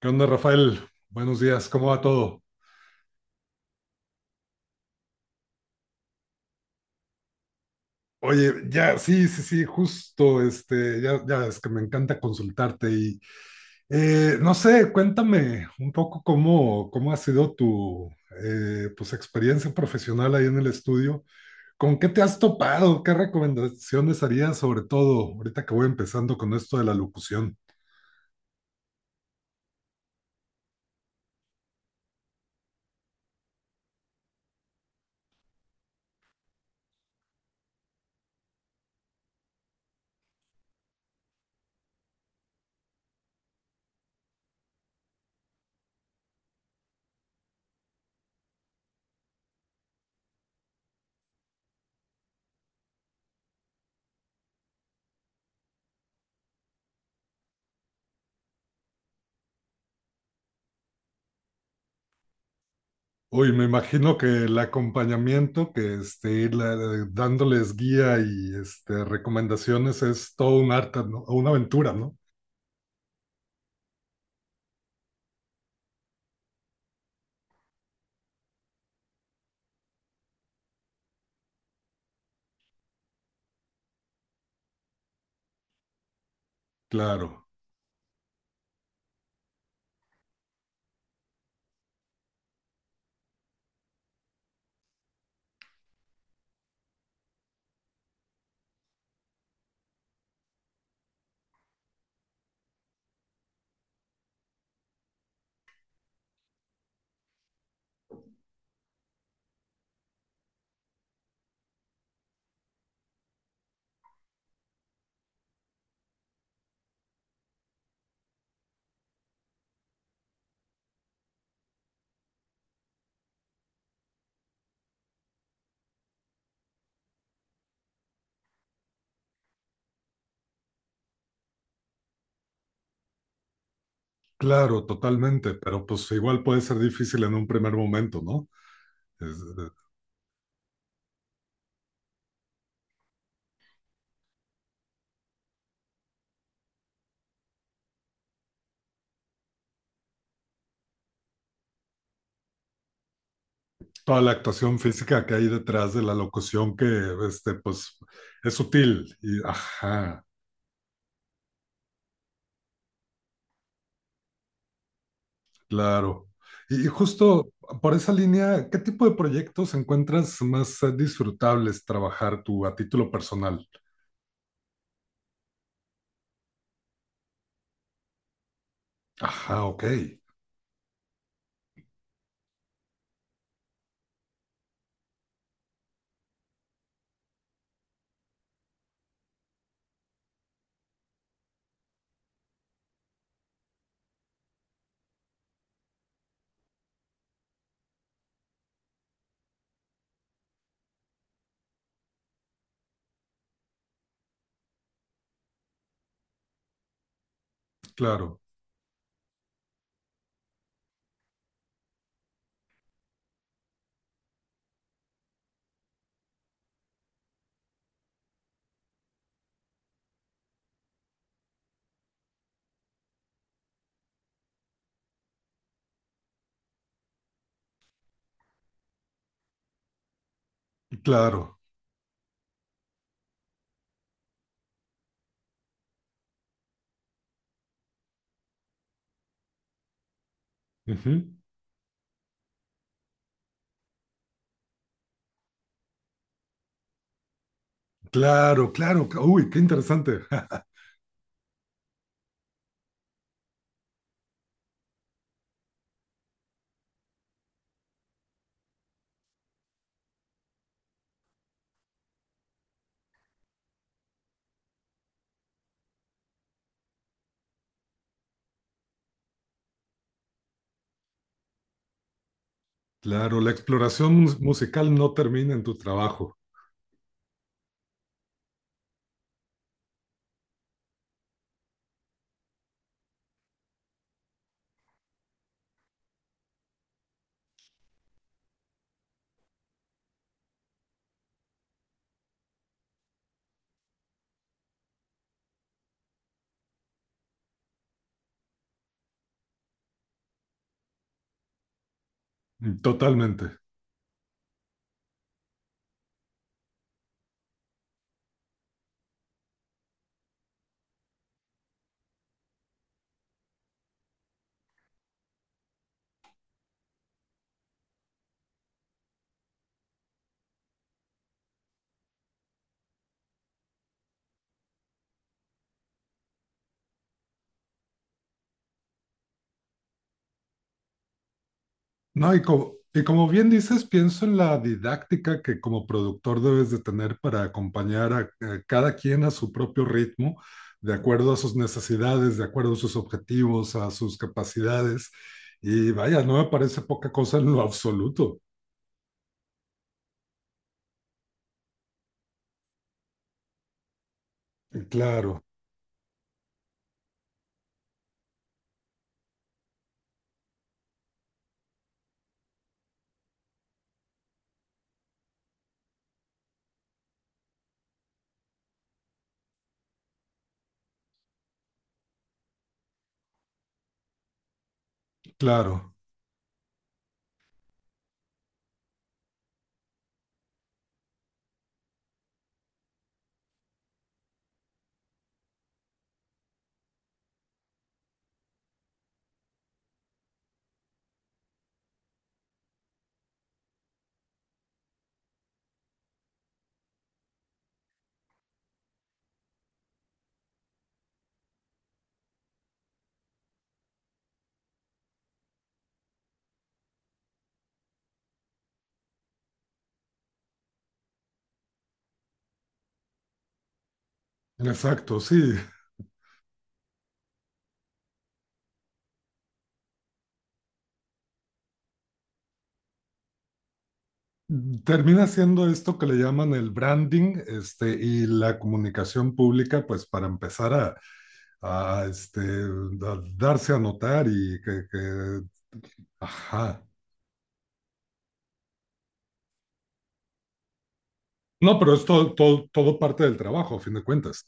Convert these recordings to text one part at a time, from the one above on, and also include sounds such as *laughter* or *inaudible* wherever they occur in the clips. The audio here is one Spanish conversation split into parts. ¿Qué onda, Rafael? Buenos días, ¿cómo va todo? Oye, ya, sí, sí, sí, justo, ya, ya es que me encanta consultarte y, no sé, cuéntame un poco cómo ha sido tu, experiencia profesional ahí en el estudio. ¿Con qué te has topado? ¿Qué recomendaciones harías sobre todo ahorita que voy empezando con esto de la locución? Uy, me imagino que el acompañamiento, que dándoles guía y recomendaciones es todo un arte, ¿no? Una aventura, ¿no? Claro, claro, totalmente, pero pues igual puede ser difícil en un primer momento, ¿no? Es, toda la actuación física que hay detrás de la locución que, este, pues, es sutil. Y, ajá, claro. Y justo por esa línea, ¿qué tipo de proyectos encuentras más disfrutables trabajar tú a título personal? Ajá, ok. Claro, claro. Ujú. Claro, claro. Uy, qué interesante. *laughs* Claro, la exploración musical no termina en tu trabajo. Mm, totalmente. No, y como bien dices, pienso en la didáctica que como productor debes de tener para acompañar a cada quien a su propio ritmo, de acuerdo a sus necesidades, de acuerdo a sus objetivos, a sus capacidades. Y vaya, no me parece poca cosa en lo absoluto. Claro, claro. Exacto, sí. Termina siendo esto que le llaman el branding, y la comunicación pública, pues para empezar a, a darse a notar y que- ajá. No, pero es todo, todo, todo parte del trabajo, a fin de cuentas.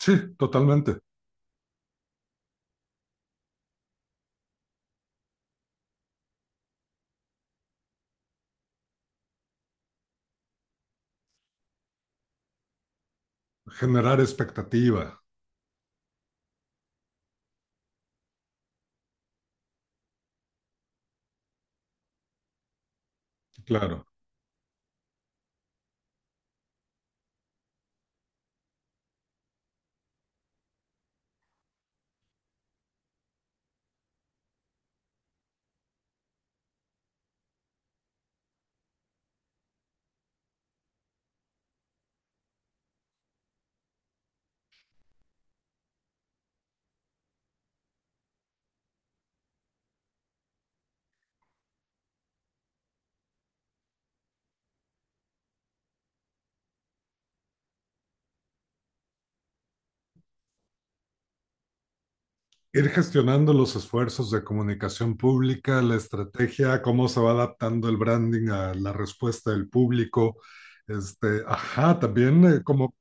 Sí, totalmente. Generar expectativa, claro. Ir gestionando los esfuerzos de comunicación pública, la estrategia, cómo se va adaptando el branding a la respuesta del público. Ajá, también como,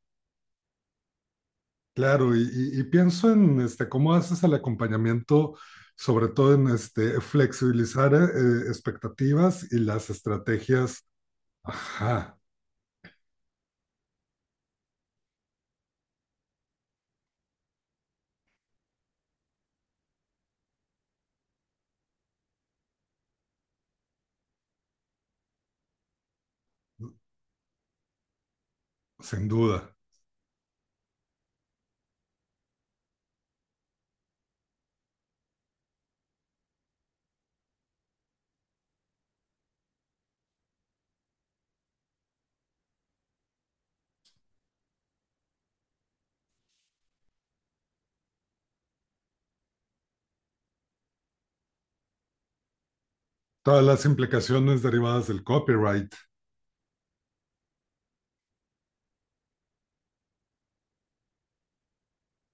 claro, y pienso en cómo haces el acompañamiento, sobre todo en flexibilizar expectativas y las estrategias, ajá, sin duda. Todas las implicaciones derivadas del copyright.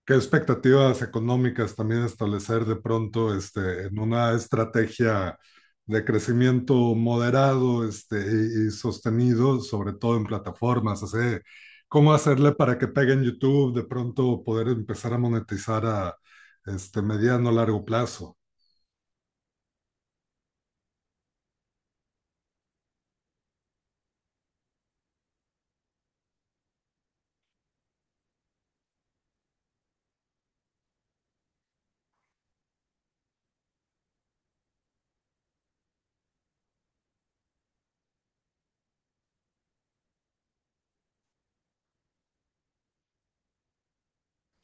¿Qué expectativas económicas también establecer de pronto en una estrategia de crecimiento moderado y sostenido, sobre todo en plataformas? O sea, ¿cómo hacerle para que pegue en YouTube, de pronto poder empezar a monetizar a mediano o largo plazo?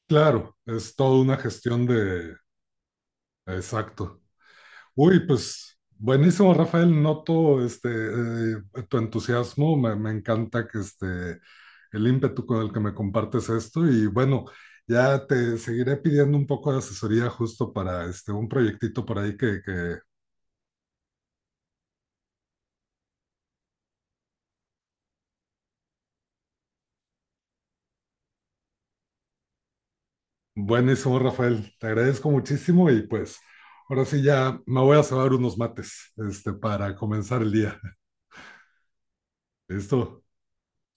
Claro, es toda una gestión de... Exacto. Uy, pues buenísimo, Rafael. Noto tu entusiasmo. Me encanta que el ímpetu con el que me compartes esto. Y bueno, ya te seguiré pidiendo un poco de asesoría justo para un proyectito por ahí que... Buenísimo, Rafael. Te agradezco muchísimo y pues ahora sí ya me voy a cebar unos mates para comenzar el día. *laughs* Listo.